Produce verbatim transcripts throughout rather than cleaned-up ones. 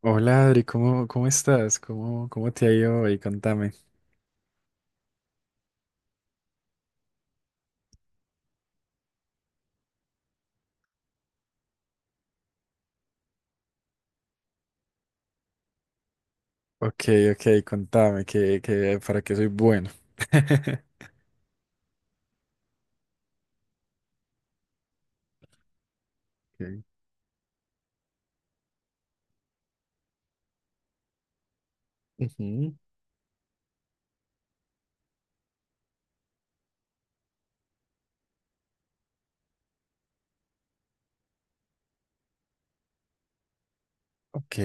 Hola Adri, ¿cómo, cómo estás? ¿Cómo, cómo te ha ido hoy? Contame. Ok, ok, contame, que, que para qué soy bueno. Ok. Ujú. Ok,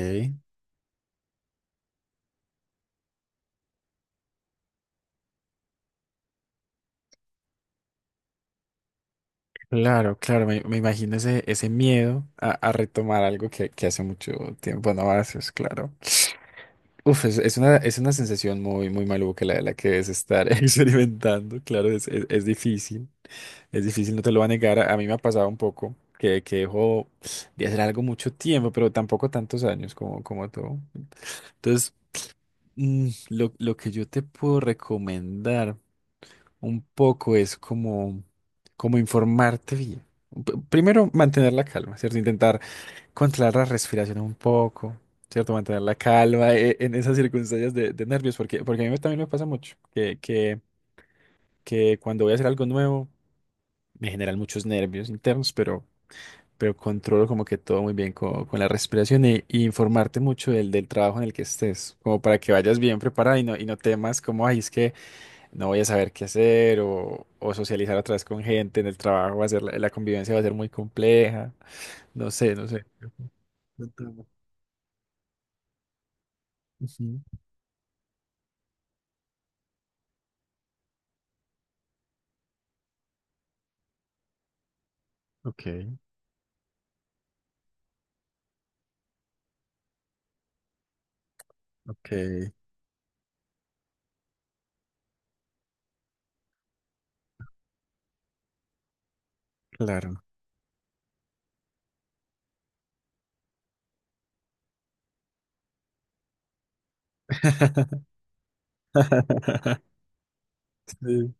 claro, claro, me, me imagino ese, ese miedo a, a retomar algo que, que hace mucho tiempo no haces, claro. Uf, es, es una, es una sensación muy, muy maluca la, la que debes estar experimentando, claro, es, es, es difícil. Es difícil, no te lo voy a negar. A a mí me ha pasado un poco que, que dejo de hacer algo mucho tiempo, pero tampoco tantos años como, como tú. Entonces, mm, lo, lo que yo te puedo recomendar un poco es como, como informarte bien. P- Primero, mantener la calma, ¿cierto? Intentar controlar la respiración un poco, ¿cierto? Mantener la calma eh, en esas circunstancias de, de nervios, porque, porque a mí me- también me pasa mucho que, que, que cuando voy a hacer algo nuevo, me generan muchos nervios internos, pero... pero controlo como que todo muy bien co- con, la respiración y, y informarte mucho del, del trabajo en el que estés, como para que vayas bien preparada y no, y no temas como, ay, es que no voy a saber qué hacer o, o socializar otra vez con gente en el trabajo, va a ser, la, la convivencia va a ser muy compleja, no sé, no sé. Ujú. Ok, ok, claro. Sí.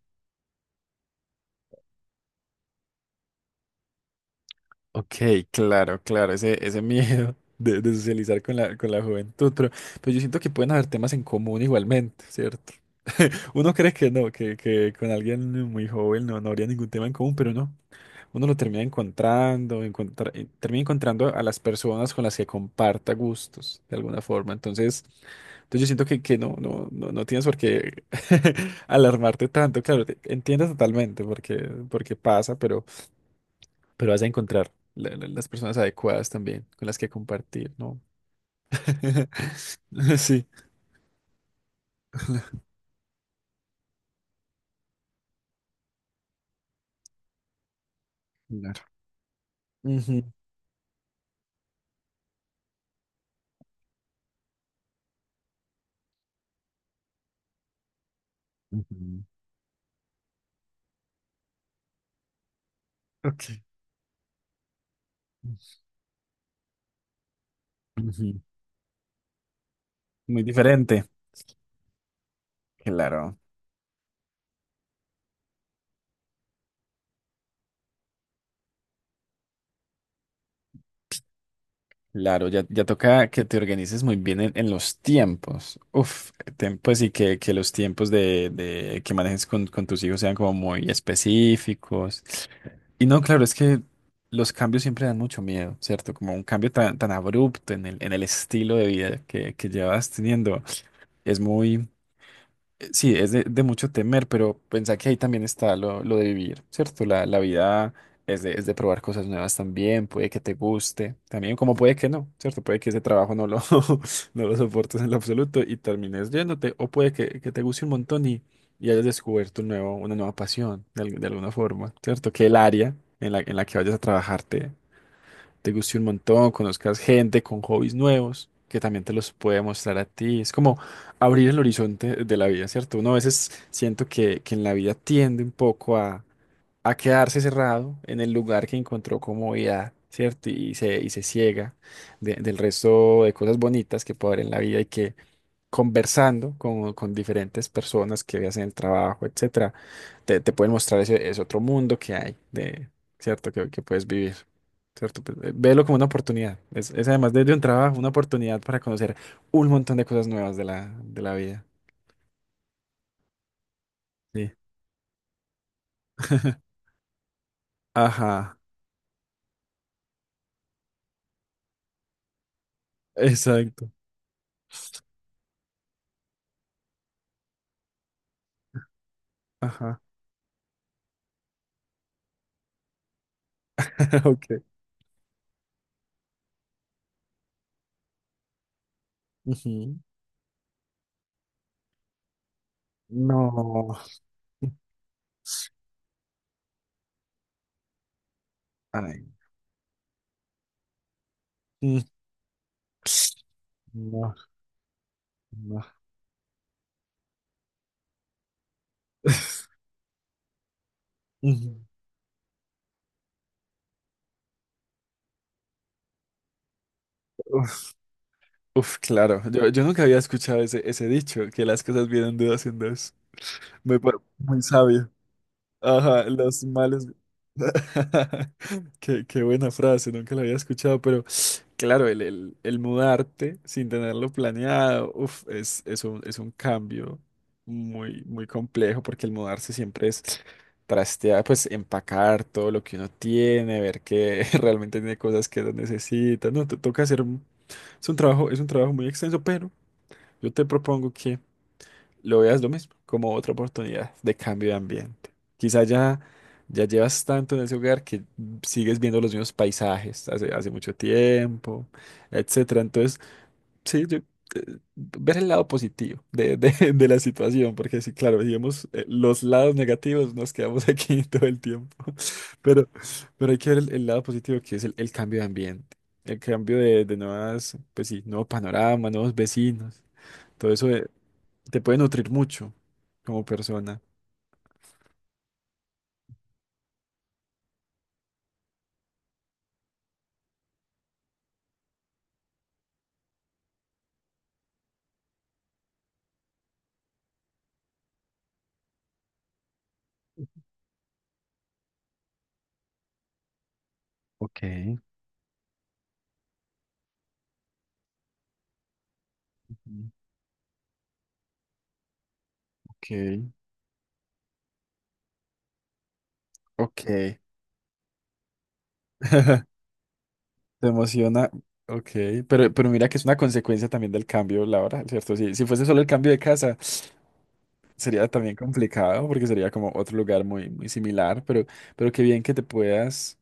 Ok, claro, claro, ese, ese miedo de, de socializar con la, con la juventud, pero, pero yo siento que pueden haber temas en común igualmente, ¿cierto? Uno cree que no, que, que con alguien muy joven no, no habría ningún tema en común, pero no. Uno lo termina encontrando, encontrar- eh, termina encontrando a las personas con las que comparta gustos, de alguna forma. Entonces, entonces yo siento que, que no, no, no, no tienes por qué alarmarte tanto. Claro, te- entiendo totalmente porque, porque pasa, pero, pero vas a encontrar la- la- las personas adecuadas también con las que compartir, ¿no? Sí. Claro. Ujú. Ujú. Ok. Ujú. Muy diferente. Claro, claro, ya, ya toca que te organices muy bien en, en los tiempos. Uf, tem- pues y que, que los tiempos de, de que manejes con, con tus hijos sean como muy específicos. Y no, claro, es que los cambios siempre dan mucho miedo, ¿cierto? Como un cambio tan, tan abrupto en el, en el estilo de vida que, que llevas teniendo. Es muy, Eh, Sí, es de, de mucho temer, pero pensá que ahí también está lo, lo de vivir, ¿cierto? La, la vida es de, es de probar cosas nuevas también, puede que te guste, también como puede que no, ¿cierto? Puede que ese trabajo no lo, no lo soportes en lo absoluto y termines yéndote, o puede que, que te guste un montón y, y hayas descubierto un nuevo, una nueva pasión de, al- de alguna forma, ¿cierto? Que el área en la, en la que vayas a trabajarte te guste un montón, conozcas gente con hobbies nuevos, que también te los puede mostrar a ti. Es como abrir el horizonte de la vida, ¿cierto? Uno a veces siento que, que en la vida tiende un poco a, a quedarse cerrado en el lugar que encontró comodidad, ¿cierto? Y se, y se ciega de- del resto de cosas bonitas que puede haber en la vida y que conversando con, con diferentes personas que hacen el trabajo, etcétera, te, te pueden mostrar ese, ese otro mundo que hay, de, ¿cierto? Que, que puedes vivir, ¿cierto? Pues, eh, velo como una oportunidad. Es, es además de de un trabajo, una oportunidad para conocer un montón de cosas nuevas de la, de la vida. Sí. Ajá, exacto. Ajá. Ok. Ujú. No. Ay. Mm. No, no. Ujú. Uf, claro. Yo, yo nunca había escuchado ese, ese dicho, que las cosas vienen de dos en dos. Muy, pa- muy sabio. Ajá, los males. Qué, qué buena frase, nunca la había escuchado, pero claro, el, el, el mudarte sin tenerlo planeado, uf, es, es un, es un cambio muy, muy complejo porque el mudarse siempre es trastear, pues empacar todo lo que uno tiene, ver que realmente tiene cosas que no necesita, no, te toca hacer, un- es un trabajo, es un trabajo muy extenso, pero yo te propongo lo veas lo mismo, como otra oportunidad de cambio de ambiente. Quizá ya, ya llevas tanto en ese hogar que sigues viendo los mismos paisajes hace, hace mucho tiempo, etcétera. Entonces, sí, yo, eh, ver el lado positivo de, de- de la situación, porque sí, claro, digamos, eh, los lados negativos nos quedamos aquí todo el tiempo, pero, pero hay que ver el, el lado positivo que es el, el cambio de ambiente. El cambio de, de nuevas, pues sí, nuevo panorama, nuevos vecinos. Todo eso, eh, te puede nutrir mucho como persona. Ok. Ujú. Ok, ok. Te emociona. Ok, pero, pero mira que es una consecuencia también del cambio laboral, ¿cierto? Si, si fuese solo el cambio de casa, sería también complicado porque sería como otro lugar muy, muy similar, pero, pero qué bien que te puedas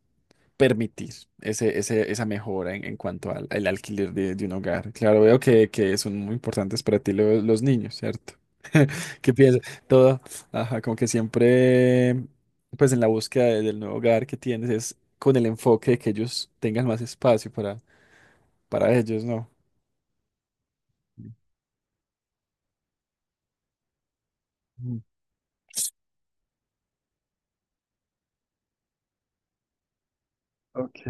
permitir ese, ese- esa mejora en, en cuanto al, al alquiler de, de un hogar. Claro, veo que, que son muy importantes para ti lo- los niños, ¿cierto? ¿Qué piensas? Todo, ajá, como que siempre, pues en la búsqueda de- del nuevo hogar que tienes es con el enfoque de que ellos tengan más espacio para, para ellos, ¿no? Mm. Ok.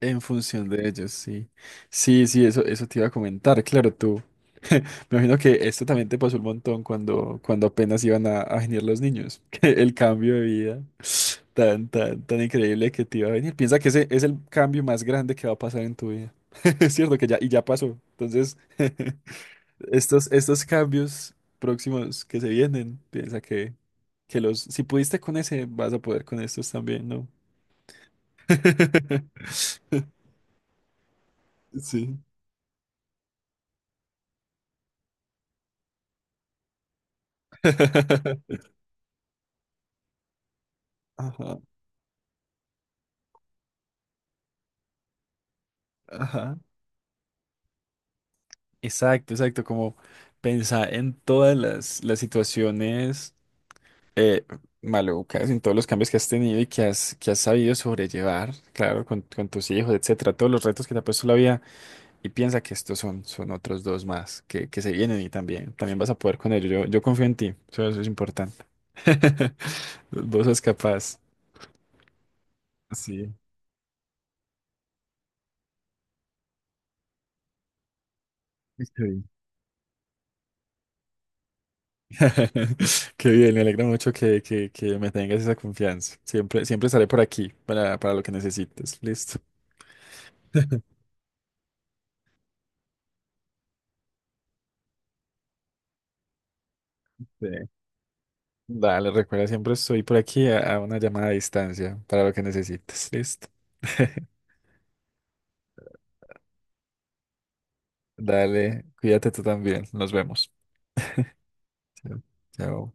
En función de ellos, sí. Sí, sí, eso, eso te iba a comentar. Claro, tú. Me imagino que esto también te pasó un montón cuando, cuando apenas iban a, a venir los niños. que el cambio de vida tan, tan, tan increíble que te iba a venir. Piensa que ese es el cambio más grande que va a pasar en tu vida. Es cierto que ya, y ya pasó. Entonces, estos, estos cambios próximos que se vienen, piensa que, que los, si pudiste con ese, vas a poder con estos también, ¿no? Sí. Ajá, ajá. Exacto, exacto, como pensar en todas las, las situaciones, eh, malucas, en todos los cambios que has tenido y que has, que has sabido sobrellevar, claro, con, con tus hijos, etcétera, todos los retos que te ha puesto la vida y piensa que estos son, son otros dos más que, que se vienen y también, también vas a poder con ellos. Yo, yo confío en ti, eso, eso es importante. Vos sos capaz. Sí. Sí. Qué bien, me alegra mucho que, que, que me tengas esa confianza. Siempre, siempre estaré por aquí para, para lo que necesites. Listo. Sí. Dale, recuerda, siempre estoy por aquí a, a una llamada a distancia para lo que necesites. Listo. Dale, cuídate tú también. Nos vemos. Chao. Chao.